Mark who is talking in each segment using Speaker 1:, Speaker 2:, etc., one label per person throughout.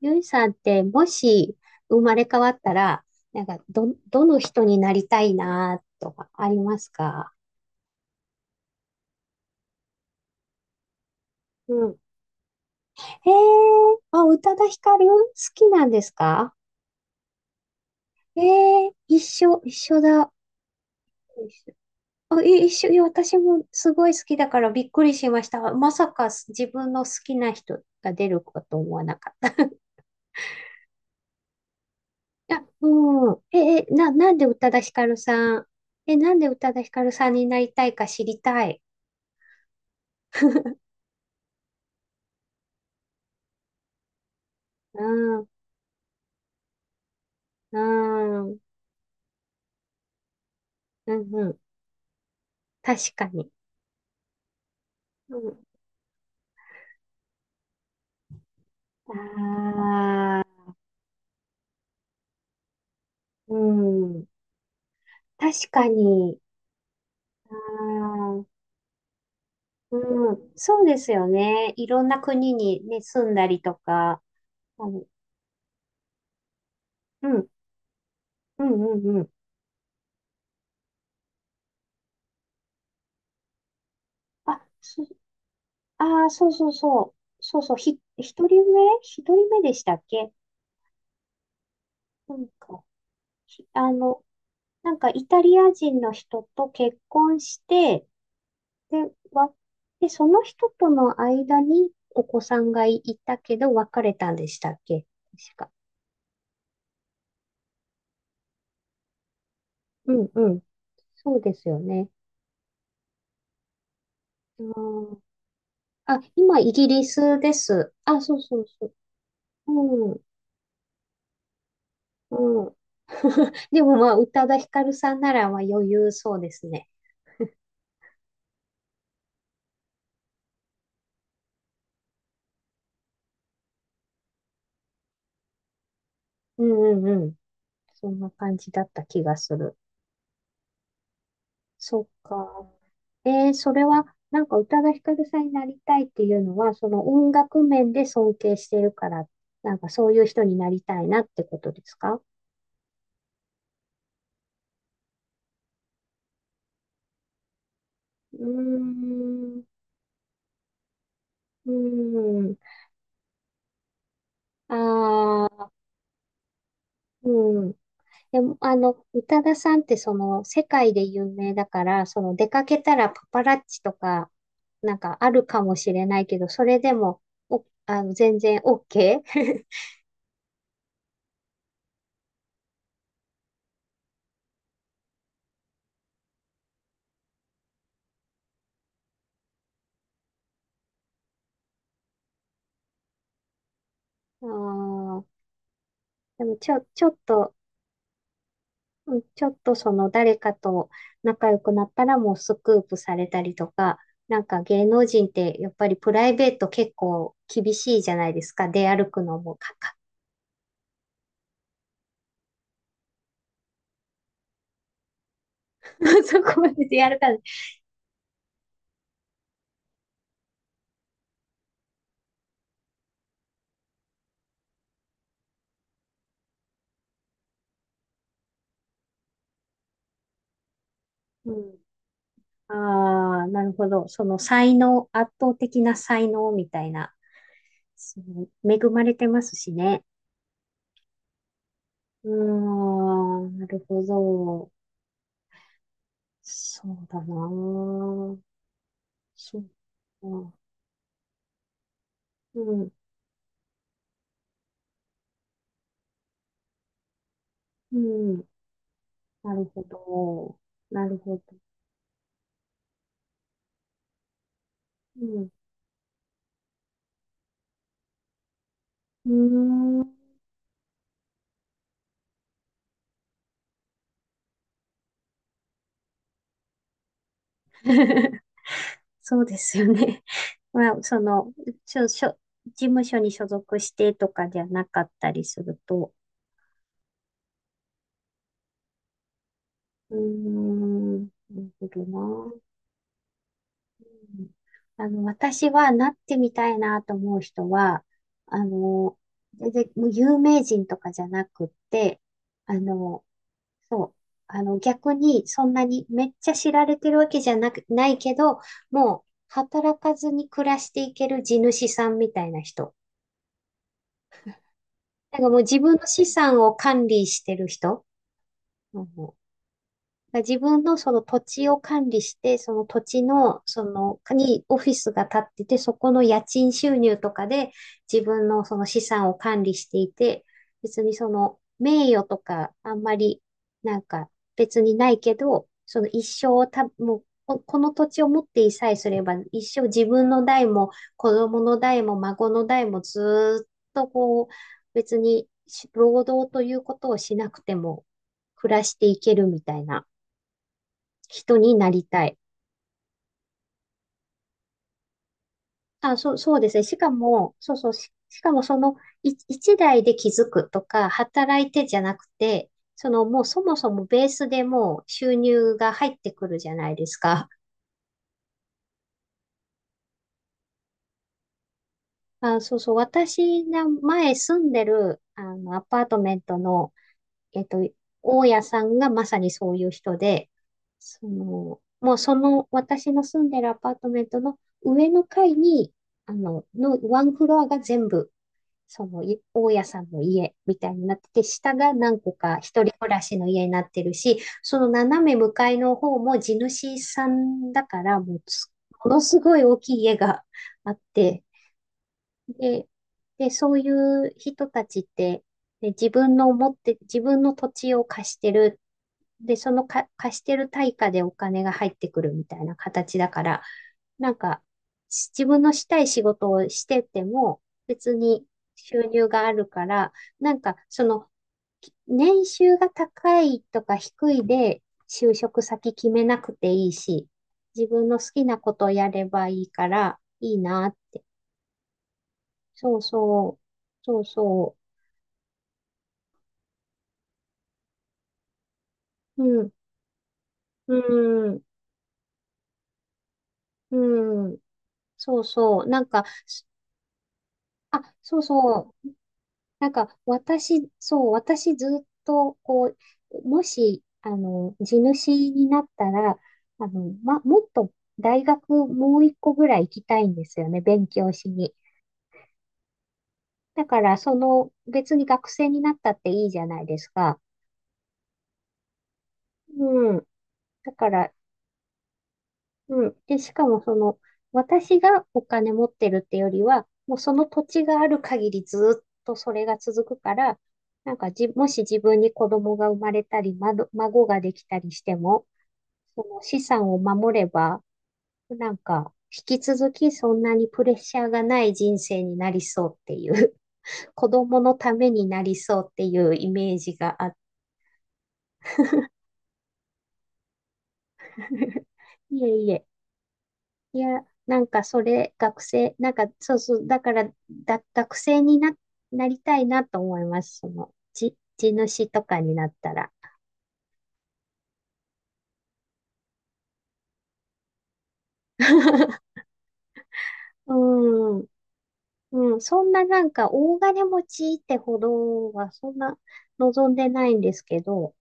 Speaker 1: ゆいさんって、もし生まれ変わったら、なんか、どの人になりたいなとかありますか？うん。へえ、あ、宇多田ヒカル好きなんですか？ええ、一緒、一緒だ。一緒。あ、い一緒、いや、私もすごい好きだからびっくりしました。まさか自分の好きな人が出ること思わなかった。いや、うん。なんで宇多田ヒカルさん、なんで宇多田ヒカルさんになりたいか知りたい。うん。うーん、うん、うん。確かに。うん、ああ、うん。確かに。ああ、うん。そうですよね。いろんな国にね、住んだりとか。あのうん、うん、うん、うん。あ、そ、あー、そうそうそう。そうそう。一人目でしたっけ？なんか、ひあの、なんかイタリア人の人と結婚して、で、わ、で、その人との間にお子さんがいたけど別れたんでしたっけ？確か。うん、うん。そうですよね。あー、あ、今イギリスです。あ、そうそうそう。うん、うん。でもまあ、宇多田ヒカルさんならまあ余裕そうですね。うん、うん、うん。そんな感じだった気がする。そっか。えー、それは、なんか宇多田ヒカルさんになりたいっていうのは、その音楽面で尊敬してるから、なんかそういう人になりたいなってことですか？うーん、うーん、ああ、うん。でも、宇多田さんってその世界で有名だから、その出かけたらパパラッチとか、なんかあるかもしれないけど、それでも、お、あの、全然 OK? ああ、でもちょっと、うん、ちょっとその誰かと仲良くなったらもうスクープされたりとか、なんか芸能人ってやっぱりプライベート結構厳しいじゃないですか。出歩くのもかか。そこまで出歩かない。うん。ああ、なるほど。その才能、圧倒的な才能みたいな。その恵まれてますしね。うーん、なるほど。そうだなあ。そうか。うん、うん。なるほど。なるほど。うん。うーん。そうですよね。まあ、その、しょ、しょ、事務所に所属してとかじゃなかったりすると。うーん。なるほどな。うん。私はなってみたいなと思う人は、あの、全然もう有名人とかじゃなくって、あの、そう。逆に、そんなにめっちゃ知られてるわけじゃなく、ないけど、もう、働かずに暮らしていける地主さんみたいな人。なんかもう自分の資産を管理してる人。うん。自分のその土地を管理して、その土地の、その、にオフィスが建ってて、そこの家賃収入とかで自分のその資産を管理していて、別にその名誉とかあんまりなんか別にないけど、その一生をもうここの土地を持っていさえすれば、一生自分の代も子供の代も孫の代もずーっとこう、別に労働ということをしなくても暮らしていけるみたいな。人になりたい。あ、そう、そうですね。しかも、そうそう、しかもその一台で気づくとか、働いてじゃなくて、そのもうそもそもベースでもう収入が入ってくるじゃないですか。あ、そうそう、私が前住んでる、あの、アパートメントの、えっと、大家さんがまさにそういう人で、その、もうその、私の住んでるアパートメントの上の階に、ワンフロアが全部その、大家さんの家みたいになってて、下が何個か一人暮らしの家になってるし、その斜め向かいの方も地主さんだから、もうものすごい大きい家があって、で、そういう人たちって、で自分の土地を貸してる。で、その貸してる対価でお金が入ってくるみたいな形だから、なんか、自分のしたい仕事をしてても、別に収入があるから、なんか、その、年収が高いとか低いで、就職先決めなくていいし、自分の好きなことをやればいいから、いいなって。そうそう。そうそう。うん。うん。うん。そうそう。なんか、あ、そうそう。なんか、私、そう、私ずっと、こう、もし、地主になったら、ま、もっと大学もう一個ぐらい行きたいんですよね、勉強しに。だから、その、別に学生になったっていいじゃないですか。うん。だから、うん。で、しかもその、私がお金持ってるってよりは、もうその土地がある限りずっとそれが続くから、なんかもし自分に子供が生まれたり、孫ができたりしても、その資産を守れば、なんか、引き続きそんなにプレッシャーがない人生になりそうっていう、子供のためになりそうっていうイメージがあって、いえいえ。いや、なんかそれ、学生、なんかそうそう、だから、学生になりたいなと思います。その、地主とかになったら。うん、うん、そんななんか大金持ちってほどは、そんな望んでないんですけど、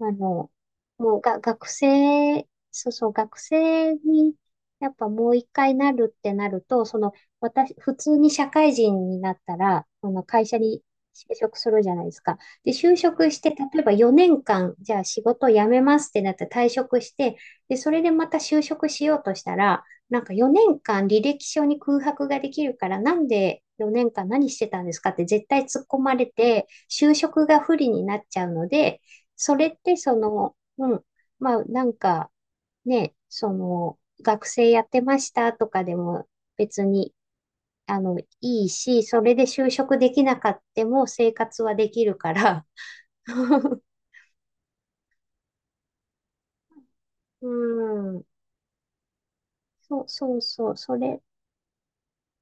Speaker 1: あの、もう学生、そうそう、学生に、やっぱもう一回なるってなると、その、私、普通に社会人になったら、会社に就職するじゃないですか。で、就職して、例えば4年間、じゃあ仕事を辞めますってなって退職して、で、それでまた就職しようとしたら、なんか4年間履歴書に空白ができるから、なんで4年間何してたんですかって絶対突っ込まれて、就職が不利になっちゃうので、それってその、うん、まあなんかね、その学生やってましたとかでも別にいいし、それで就職できなかっても生活はできるから。うん、そうそうそう、それ、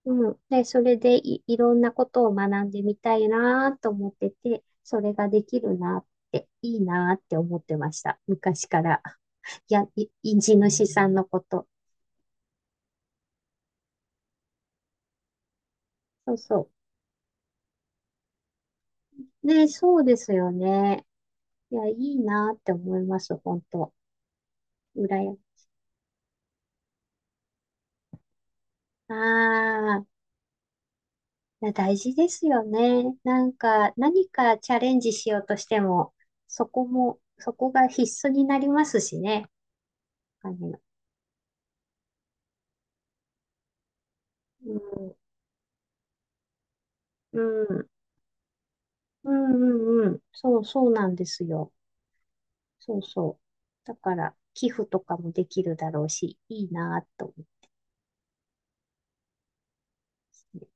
Speaker 1: うん。で、それでいろんなことを学んでみたいなと思ってて、それができるなって、いいなって思ってました。昔から。人事主さんのこと。そうそう。ね、そうですよね。いや、いいなって思います、本当。羨やああ、いや大事ですよね。なんか、何かチャレンジしようとしても、そこが必須になりますしね。あの、うん、うん、うん、うん、うん。そう、そうなんですよ。そうそう。だから、寄付とかもできるだろうし、いいなと思いますね。